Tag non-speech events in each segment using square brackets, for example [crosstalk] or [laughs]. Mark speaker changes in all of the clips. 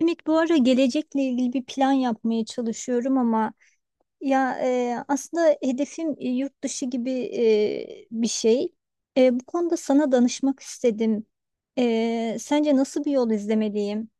Speaker 1: Ümit, bu ara gelecekle ilgili bir plan yapmaya çalışıyorum ama ya aslında hedefim yurt dışı gibi bir şey. Bu konuda sana danışmak istedim. Sence nasıl bir yol izlemeliyim?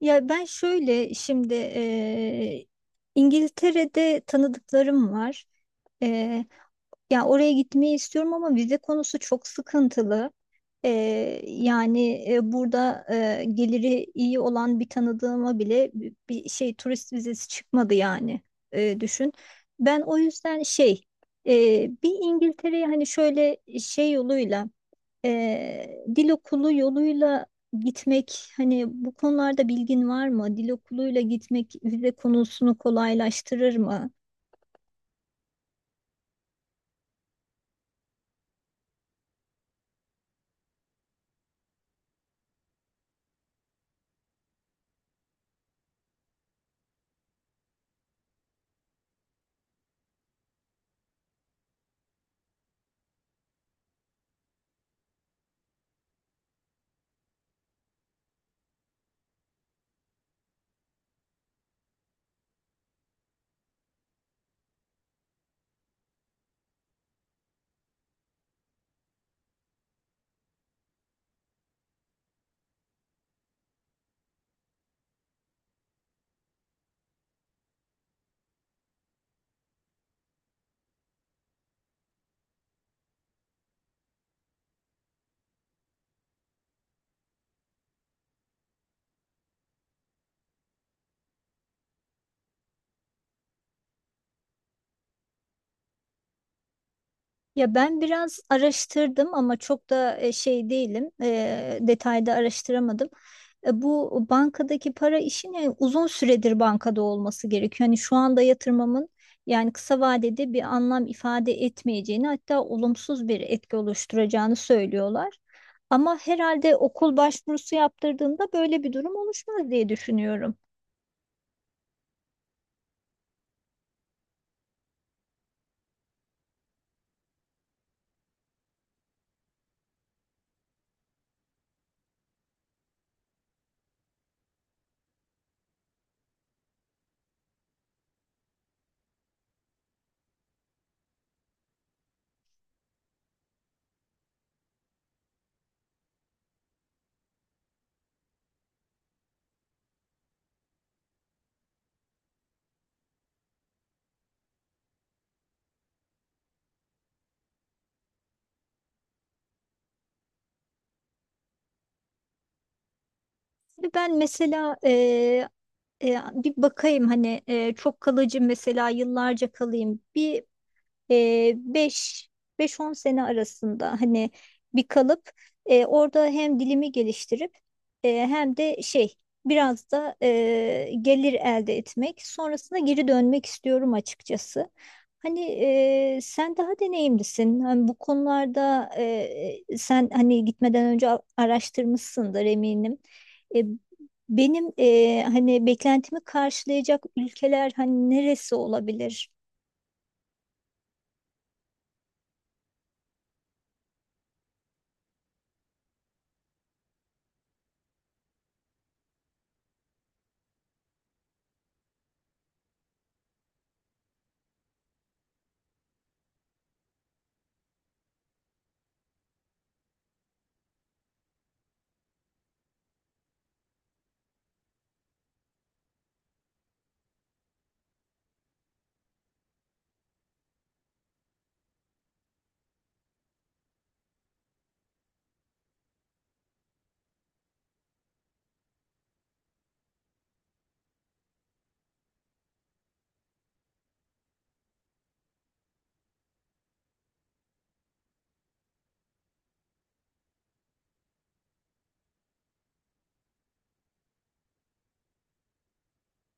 Speaker 1: Ya ben şöyle şimdi İngiltere'de tanıdıklarım var. E, Ya oraya gitmeyi istiyorum ama vize konusu çok sıkıntılı. Yani burada geliri iyi olan bir tanıdığıma bile bir şey, turist vizesi çıkmadı yani. Düşün. Ben o yüzden şey, e, bir İngiltere'ye hani şöyle şey yoluyla, dil okulu yoluyla gitmek, hani bu konularda bilgin var mı? Dil okuluyla gitmek vize konusunu kolaylaştırır mı? Ya ben biraz araştırdım ama çok da şey değilim, detayda araştıramadım. Bu bankadaki para işini uzun süredir bankada olması gerekiyor. Hani şu anda yatırmamın yani kısa vadede bir anlam ifade etmeyeceğini, hatta olumsuz bir etki oluşturacağını söylüyorlar. Ama herhalde okul başvurusu yaptırdığında böyle bir durum oluşmaz diye düşünüyorum. Ve ben mesela, bir bakayım, hani çok kalıcı, mesela yıllarca kalayım, bir 5 5-10 sene arasında hani, bir kalıp orada hem dilimi geliştirip hem de şey, biraz da gelir elde etmek, sonrasında geri dönmek istiyorum açıkçası. Hani, sen daha deneyimlisin. Hani bu konularda sen, hani gitmeden önce araştırmışsındır eminim. E, Benim hani beklentimi karşılayacak ülkeler hani neresi olabilir?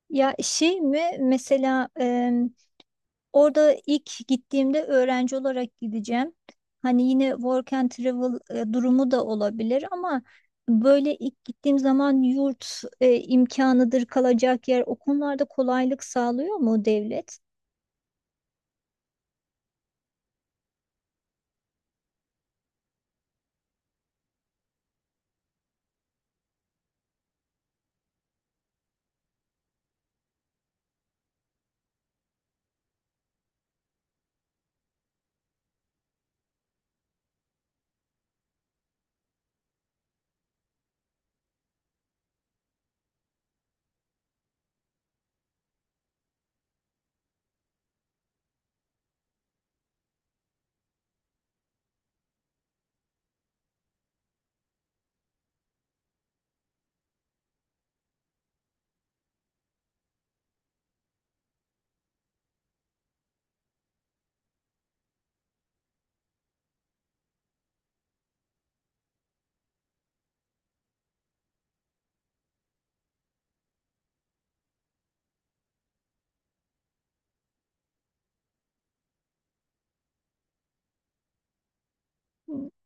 Speaker 1: Ya şey mi mesela, orada ilk gittiğimde öğrenci olarak gideceğim. Hani yine work and travel durumu da olabilir ama böyle ilk gittiğim zaman yurt imkanıdır, kalacak yer, o konularda kolaylık sağlıyor mu devlet?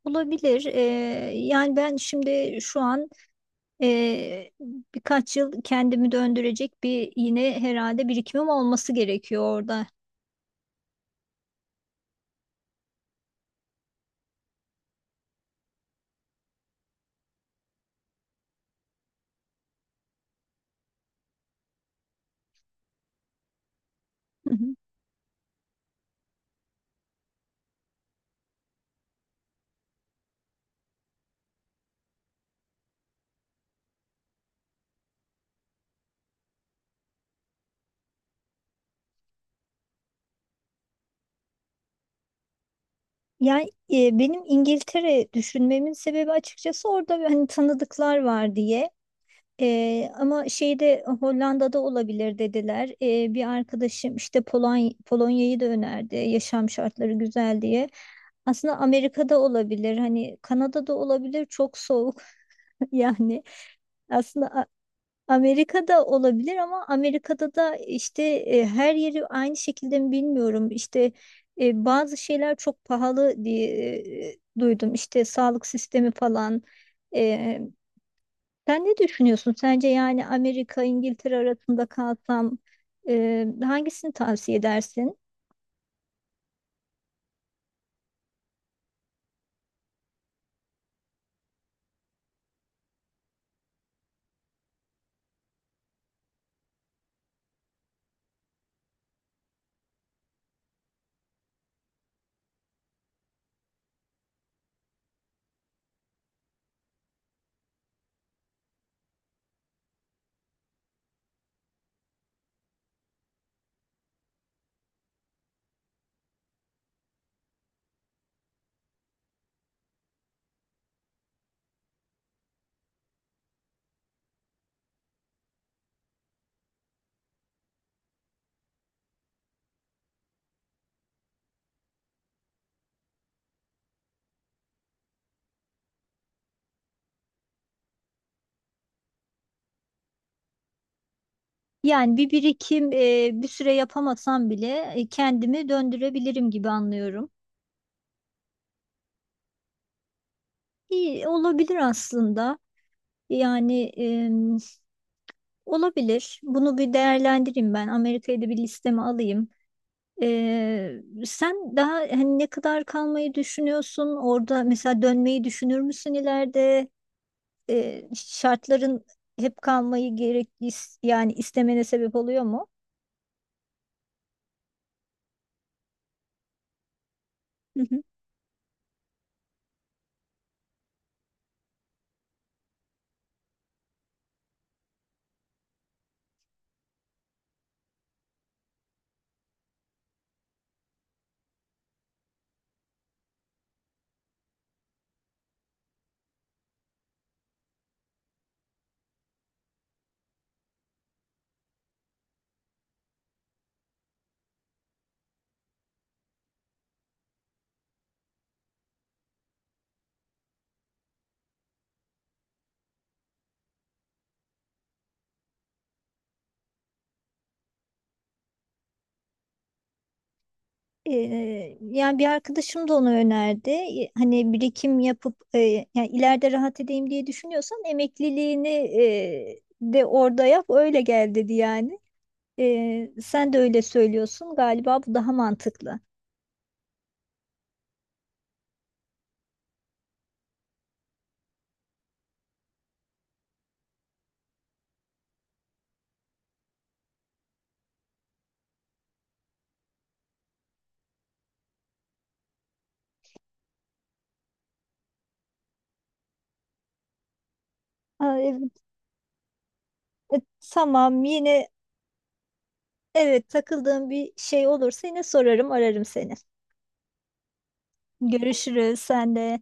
Speaker 1: Olabilir. Yani ben şimdi şu an e, birkaç yıl kendimi döndürecek bir, yine herhalde birikimim olması gerekiyor orada. [laughs] Yani benim İngiltere düşünmemin sebebi açıkçası orada bir, hani tanıdıklar var diye. Ama şeyde Hollanda'da olabilir dediler. Bir arkadaşım işte Polonya'yı da önerdi. Yaşam şartları güzel diye. Aslında Amerika'da olabilir. Hani Kanada'da olabilir. Çok soğuk [laughs] yani. Aslında Amerika'da olabilir ama Amerika'da da işte her yeri aynı şekilde mi bilmiyorum. İşte bazı şeyler çok pahalı diye duydum. İşte sağlık sistemi falan. E, Sen ne düşünüyorsun? Sence yani Amerika, İngiltere arasında kalsam hangisini tavsiye edersin? Yani bir birikim, bir süre yapamasam bile kendimi döndürebilirim gibi anlıyorum. İyi olabilir aslında. Yani, olabilir. Bunu bir değerlendireyim ben. Amerika'yı da bir listeme alayım. Sen daha, hani ne kadar kalmayı düşünüyorsun? Orada mesela dönmeyi düşünür müsün ileride? Şartların hep kalmayı gerek yani istemene sebep oluyor mu? Hı hı. Yani bir arkadaşım da onu önerdi. Hani birikim yapıp yani ileride rahat edeyim diye düşünüyorsan, emekliliğini de orada yap öyle gel dedi yani. Sen de öyle söylüyorsun. Galiba bu daha mantıklı. Aa, evet. E, tamam, yine evet, takıldığım bir şey olursa yine sorarım, ararım seni. Görüşürüz, sen de.